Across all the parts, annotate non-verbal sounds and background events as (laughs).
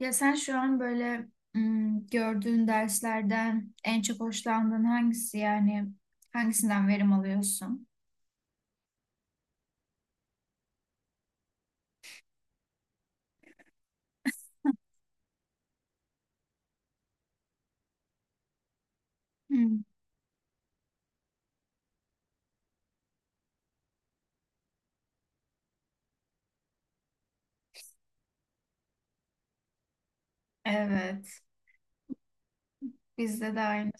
Ya sen şu an böyle gördüğün derslerden en çok hoşlandığın hangisi, yani hangisinden verim alıyorsun? Hmm. Evet, bizde de aynı.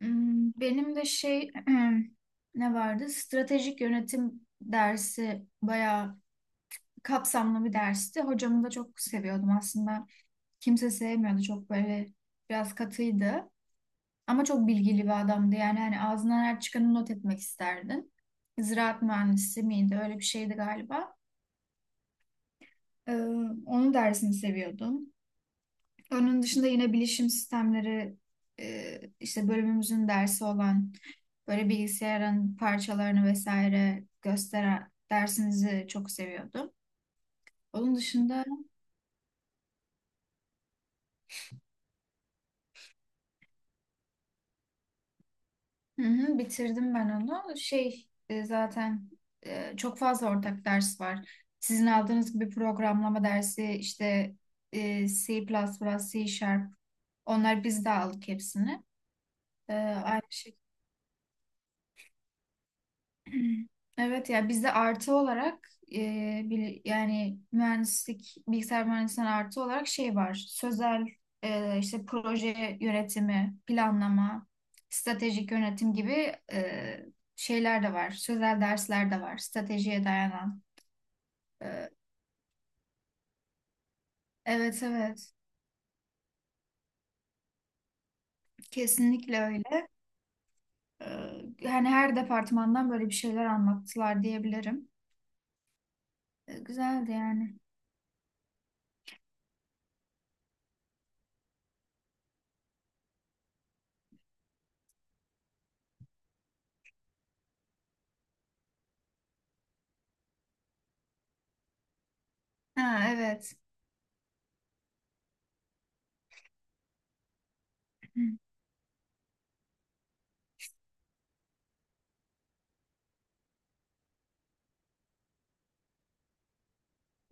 Hmm, benim de şey (clears throat) ne vardı? Stratejik yönetim dersi bayağı kapsamlı bir dersti. Hocamı da çok seviyordum aslında. Kimse sevmiyordu, çok böyle biraz katıydı. Ama çok bilgili bir adamdı. Yani hani ağzından her çıkanı not etmek isterdin. Ziraat mühendisi miydi? Öyle bir şeydi galiba. Ee, Onun dersini seviyordum. Onun dışında yine bilişim sistemleri, işte bölümümüzün dersi olan, böyle bilgisayarın parçalarını vesaire gösteren dersinizi çok seviyordum. Onun dışında, hı hı, bitirdim ben onu. Şey, zaten çok fazla ortak ders var. Sizin aldığınız gibi programlama dersi işte, C++, C Sharp, onlar biz de aldık hepsini. E, aynı. Evet ya, bizde artı olarak yani mühendislik, bilgisayar mühendisliğinden artı olarak şey var. Sözel, işte proje yönetimi, planlama, stratejik yönetim gibi, e, şeyler de var. Sözel dersler de var. Stratejiye dayanan. E, evet evet, kesinlikle öyle. E, hani her departmandan böyle bir şeyler anlattılar diyebilirim. E, güzeldi yani. Ha evet. Hı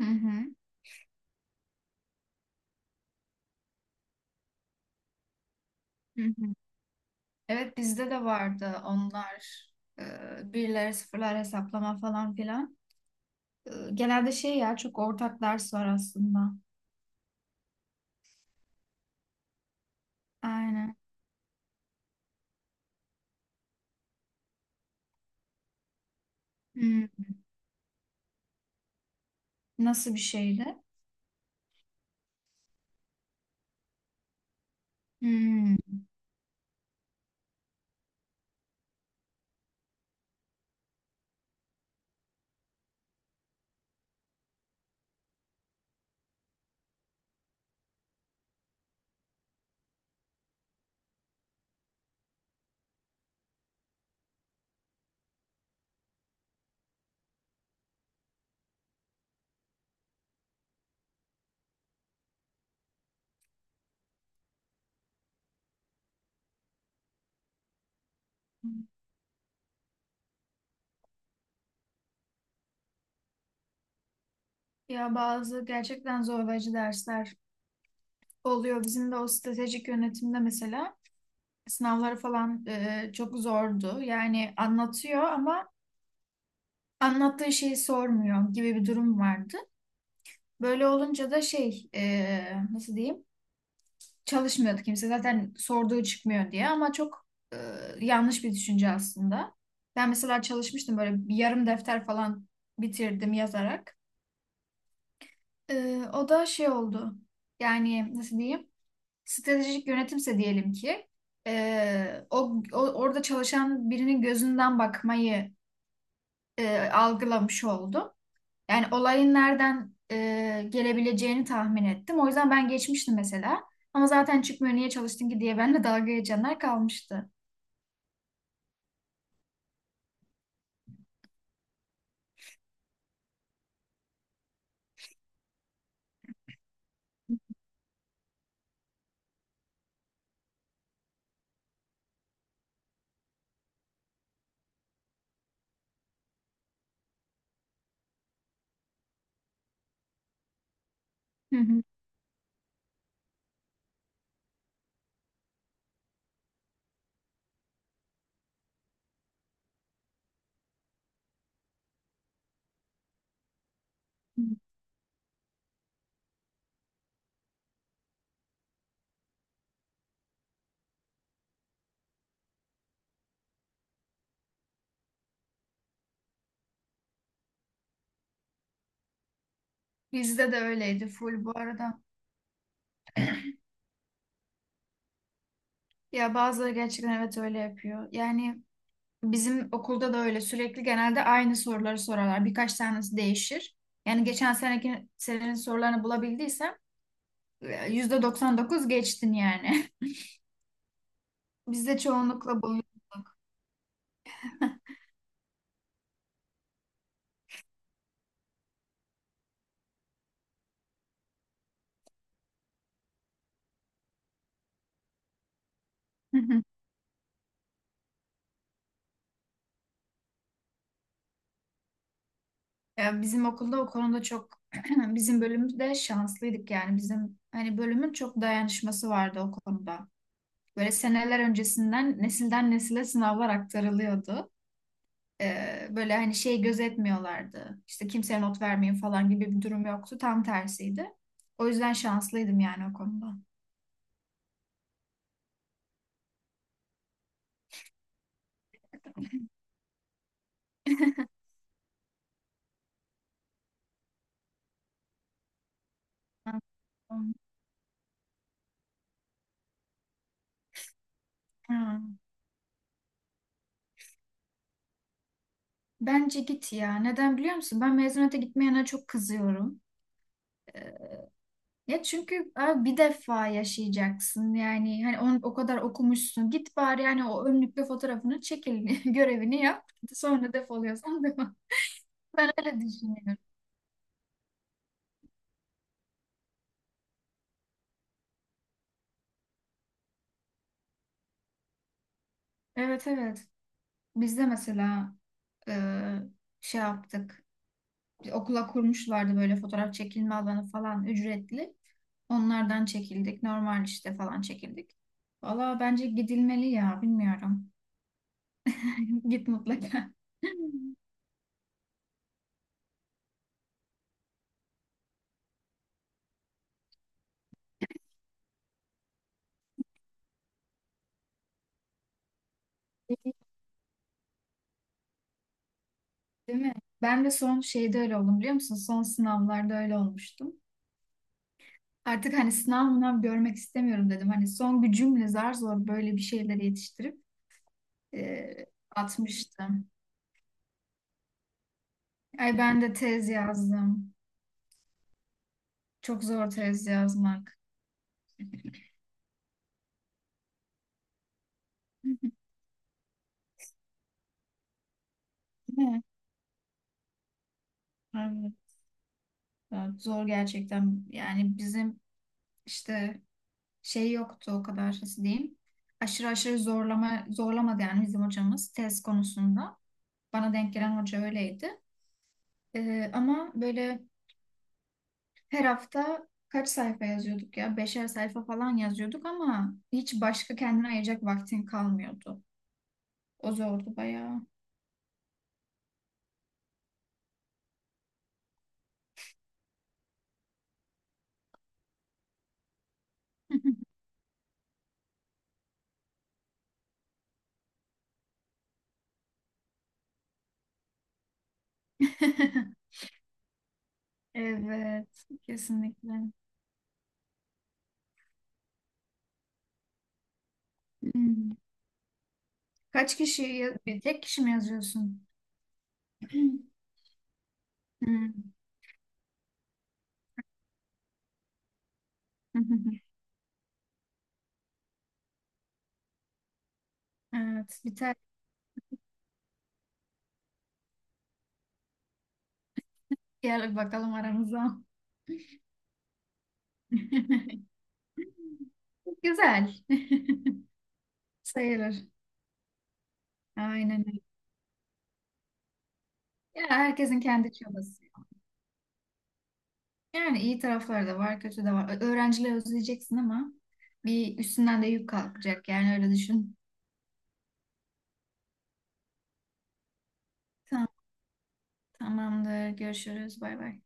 hı. Hı hı. Evet, bizde de vardı onlar. Birler, sıfırlar hesaplama falan filan. Genelde şey ya, çok ortak ders var aslında. Aynen. Hmm. Nasıl bir şeydi? Hmm. Ya bazı gerçekten zorlayıcı dersler oluyor. Bizim de o stratejik yönetimde mesela sınavları falan çok zordu. Yani anlatıyor ama anlattığı şeyi sormuyor gibi bir durum vardı. Böyle olunca da şey, nasıl diyeyim? Çalışmıyordu kimse zaten, sorduğu çıkmıyor diye, ama çok e, yanlış bir düşünce aslında. Ben mesela çalışmıştım, böyle bir yarım defter falan bitirdim yazarak. E, o da şey oldu, yani nasıl diyeyim, stratejik yönetimse diyelim ki, orada çalışan birinin gözünden bakmayı algılamış oldum. Yani olayın nereden gelebileceğini tahmin ettim. O yüzden ben geçmiştim mesela. Ama zaten çıkmıyor, niye çalıştın ki diye benimle dalga geçenler kalmıştı. Hı hı. Bizde de öyleydi full bu arada. Ya bazıları gerçekten evet öyle yapıyor. Yani bizim okulda da öyle, sürekli genelde aynı soruları sorarlar. Birkaç tanesi değişir. Yani geçen seneki senenin sorularını bulabildiysem, %99 geçtin yani. (laughs) Bizde çoğunlukla bu. (laughs) Ya bizim okulda o konuda çok (clears throat) bizim bölümde şanslıydık, yani bizim hani bölümün çok dayanışması vardı o konuda. Böyle seneler öncesinden nesilden nesile sınavlar aktarılıyordu. Böyle hani şey gözetmiyorlardı. İşte kimseye not vermeyin falan gibi bir durum yoktu. Tam tersiydi. O yüzden şanslıydım yani o konuda. Hmm. Bence git ya. Neden biliyor musun? Ben mezuniyete gitmeyene çok kızıyorum. Ee, Ya çünkü abi bir defa yaşayacaksın, yani hani onu o kadar okumuşsun, git bari, yani o önlükle fotoğrafını çekil (laughs) görevini yap, sonra defoluyorsan devam. (laughs) Ben öyle düşünüyorum. Evet evet, biz de mesela e, şey yaptık, bir okula kurmuşlardı böyle fotoğraf çekilme alanı falan, ücretli, onlardan çekildik, normal işte falan çekildik. Valla bence gidilmeli ya, bilmiyorum, (laughs) git mutlaka. (laughs) Değil mi? Ben de son şeyde öyle oldum biliyor musun? Son sınavlarda öyle olmuştum. Artık hani sınav mınav görmek istemiyorum dedim. Hani son gücümle zar zor böyle bir şeyleri yetiştirip e, atmıştım. Ay ben de tez yazdım. Çok zor tez yazmak. Değil mi? Evet, evet, zor gerçekten. Yani bizim işte şey yoktu o kadar, nasıl diyeyim. Aşırı aşırı zorlama zorlamadı yani bizim hocamız tez konusunda. Bana denk gelen hoca öyleydi. Ama böyle Her hafta kaç sayfa yazıyorduk ya? 5'er sayfa falan yazıyorduk ama hiç başka kendine ayıracak vaktin kalmıyordu. O zordu bayağı. (laughs) Evet, kesinlikle. Hmm. Kaç kişi, bir tek kişi mi yazıyorsun? (clears throat) Hmm. (laughs) Evet, biter. Gel bakalım aramıza. (laughs) Güzel. (laughs) Sayılır. Aynen öyle. Ya herkesin kendi çabası. Yani iyi tarafları da var, kötü de var. Öğrencileri özleyeceksin ama bir üstünden de yük kalkacak. Yani öyle düşün. Tamam, tamamdır. Görüşürüz. Bay bay.